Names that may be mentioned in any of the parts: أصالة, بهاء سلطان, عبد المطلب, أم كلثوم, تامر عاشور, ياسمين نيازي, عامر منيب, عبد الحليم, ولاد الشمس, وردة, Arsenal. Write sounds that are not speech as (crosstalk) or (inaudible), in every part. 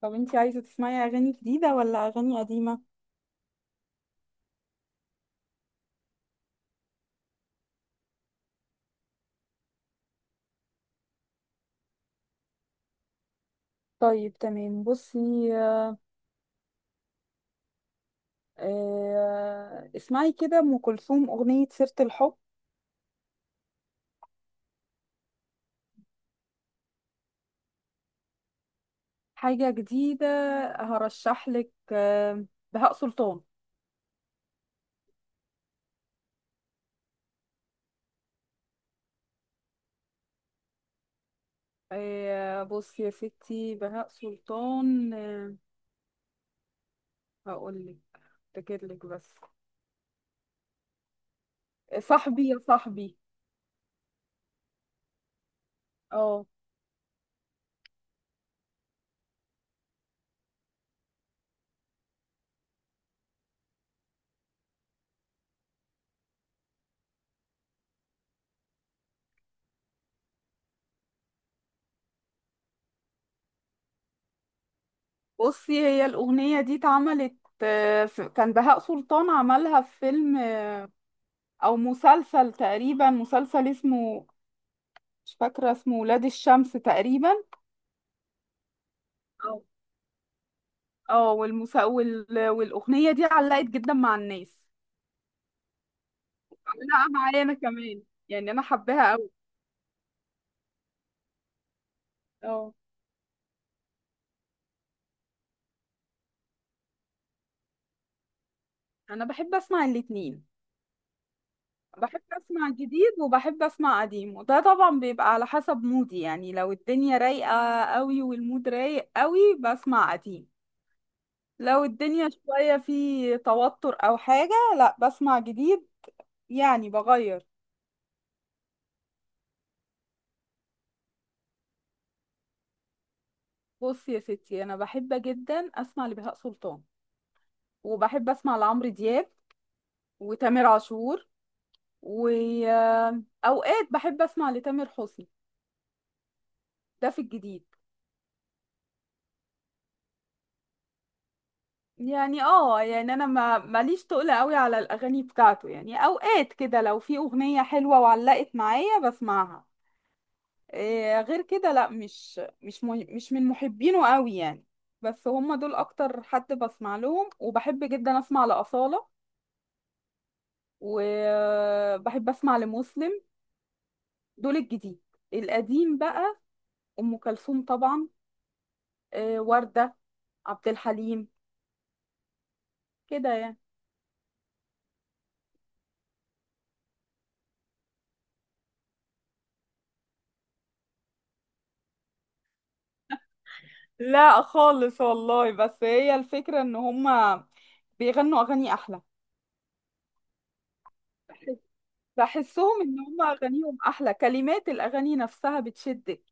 طب انتي عايزة تسمعي أغاني جديدة ولا أغاني قديمة؟ طيب تمام، بصي. اسمعي كده أم كلثوم أغنية سيرة الحب. حاجة جديدة هرشحلك، بهاء سلطان. بصي يا ستي، بهاء سلطان. هقولك، افتكرلك بس. صاحبي يا صاحبي. اه، بصي، هي الأغنية دي اتعملت، كان بهاء سلطان عملها في فيلم، او مسلسل، تقريبا مسلسل اسمه، مش فاكرة اسمه، ولاد الشمس تقريبا. اه اه، والأغنية دي علقت جدا مع الناس. علقة معايا أنا كمان، يعني أنا حباها أوي. اه. أنا بحب أسمع الاتنين، بحب أسمع جديد وبحب أسمع قديم، وده طبعا بيبقى على حسب مودي. يعني لو الدنيا رايقة أوي والمود رايق أوي بسمع قديم، لو الدنيا شوية في توتر أو حاجة لا بسمع جديد، يعني بغير. بص يا ستي، أنا بحب جدا أسمع لبهاء سلطان، وبحب اسمع لعمرو دياب وتامر عاشور، واوقات بحب اسمع لتامر حسني، ده في الجديد. يعني اه، يعني انا ما ماليش تقل قوي على الاغاني بتاعته، يعني اوقات كده لو في اغنية حلوة وعلقت معايا بسمعها. إيه غير كده، لا، مش من محبينه قوي يعني. بس هم دول اكتر حد بسمع لهم. وبحب جدا اسمع لأصالة، وبحب اسمع لمسلم، دول الجديد. القديم بقى، ام كلثوم طبعا، وردة، عبد الحليم، كده يعني. لا خالص والله، بس هي الفكرة ان هما بيغنوا اغاني احلى، بحسهم ان هما اغانيهم احلى، كلمات الاغاني نفسها بتشدك.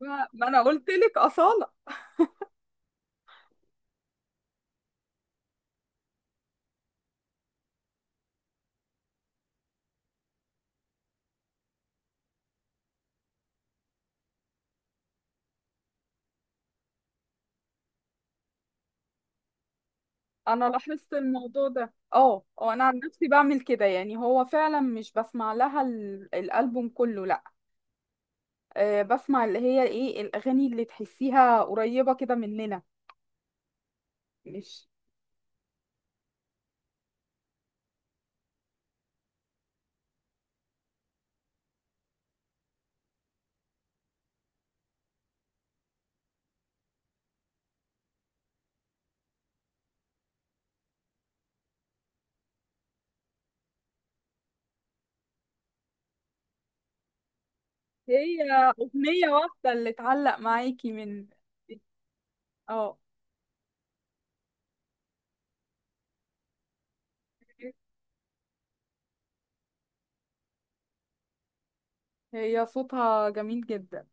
ما ما انا قلت لك اصالة. انا لاحظت الموضوع ده، اه اه، انا عن نفسي بعمل كده، يعني هو فعلا مش بسمع لها الالبوم كله، لا. أه، بسمع اللي هي ايه، الاغاني اللي تحسيها قريبة كده مننا. مش هي أغنية واحدة اللي تعلق معاكي من. اه. هي صوتها جميل جدا.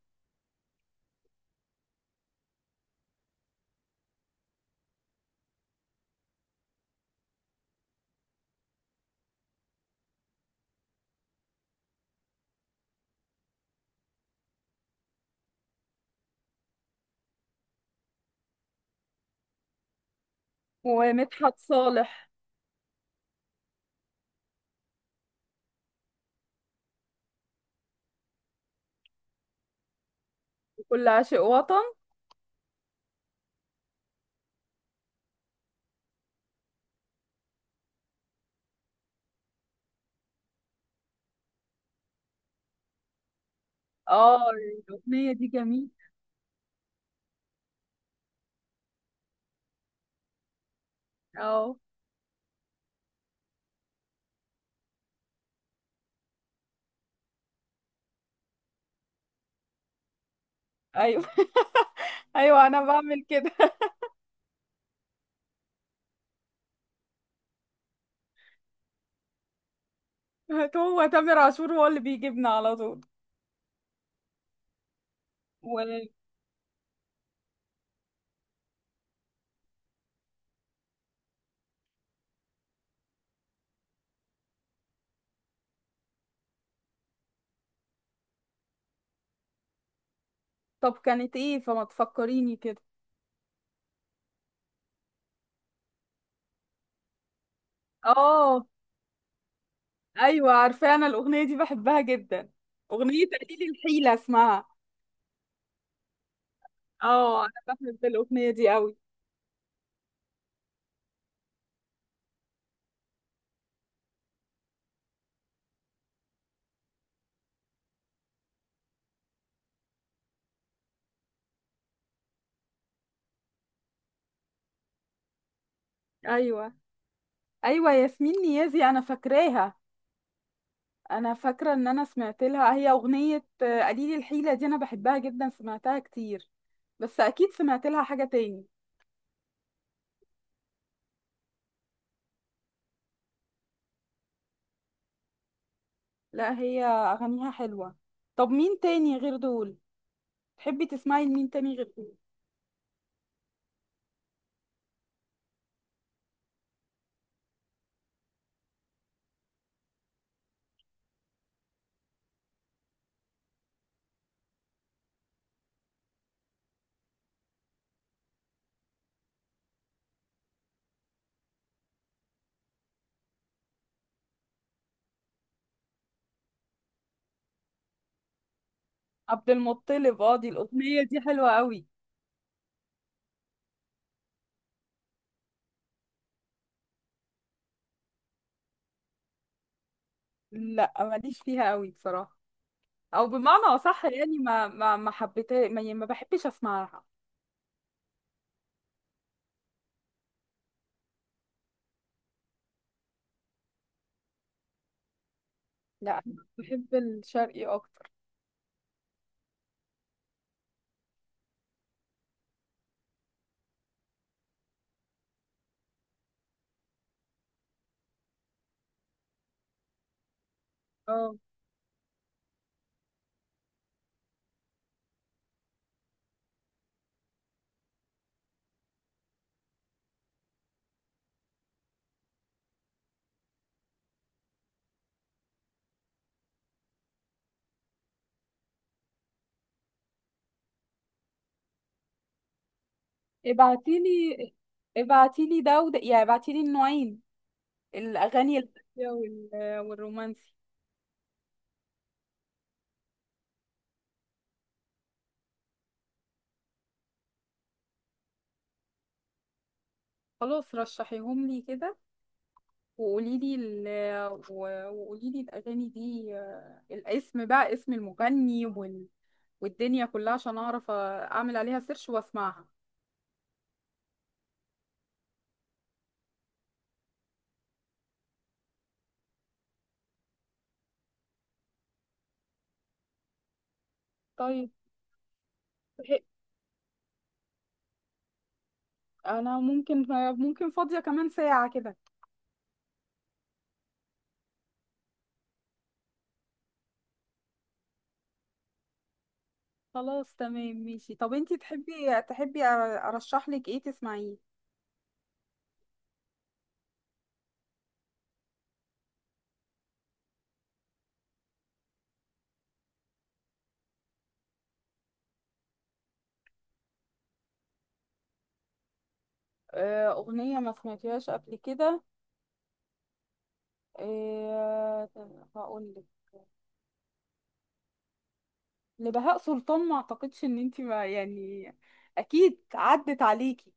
ومدحت صالح. كل عاشق وطن. اه الأغنية دي جميلة. اه ايوه. (laughs) ايوه انا بعمل كده. (laughs) هو تامر عاشور هو اللي بيجيبنا على طول. و... طب كانت ايه، فما تفكريني كده. اه ايوه عارفه، انا الاغنيه دي بحبها جدا، اغنيه قليل الحيله اسمها. اه انا بحب الاغنيه دي قوي. ايوه. ايوه ياسمين نيازي انا فاكراها. انا فاكره ان انا سمعت لها، هي اغنيه قليل الحيله دي انا بحبها جدا، سمعتها كتير، بس اكيد سمعت لها حاجه تاني. لا هي اغانيها حلوه. طب مين تاني غير دول، تحبي تسمعي لمين تاني غير دول؟ عبد المطلب، اه دي الاغنيه دي حلوه قوي. لا ماليش فيها قوي بصراحه، او بمعنى اصح يعني ما ما ما حبيتها، ما, يعني ما بحبش اسمعها. لا أنا بحب الشرقي اكتر. اه ابعتيلي، ابعتيلي ده وده، يعني ابعتيلي النوعين، الأغاني الهادية والرومانسي. خلاص رشحيهم لي كده، وقوليلي ال... وقوليلي الأغاني دي، الاسم بقى، اسم المغني والدنيا كلها، عشان أعرف أعمل عليها سيرش وأسمعها. طيب. أنا ممكن، ممكن فاضية كمان ساعة كده. خلاص تمام ماشي. طب انتي تحبي أرشح لك ايه تسمعيه؟ أغنية ما سمعتهاش قبل كده. إيه، هقول لك. لبهاء سلطان، ما اعتقدش ان انت ما يعني، اكيد عدت عليكي.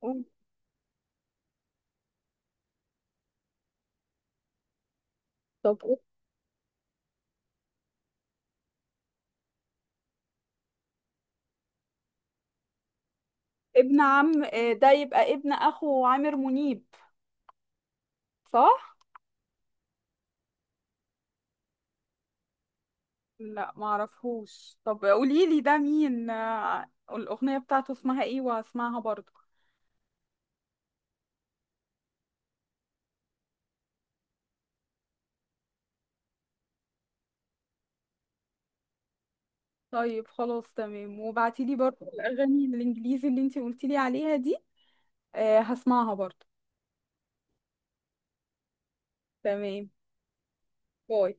قول. طب قول. ابن عم إيه ده، يبقى ابن اخو عامر منيب، صح؟ لا ما اعرفهوش، طب قولي لي ده مين، الاغنيه بتاعته اسمها ايه وهسمعها برضه. طيب خلاص تمام، وبعتي لي برضه الاغاني الانجليزي اللي انت قلتي لي عليها دي، هسمعها برضه. تمام. باي.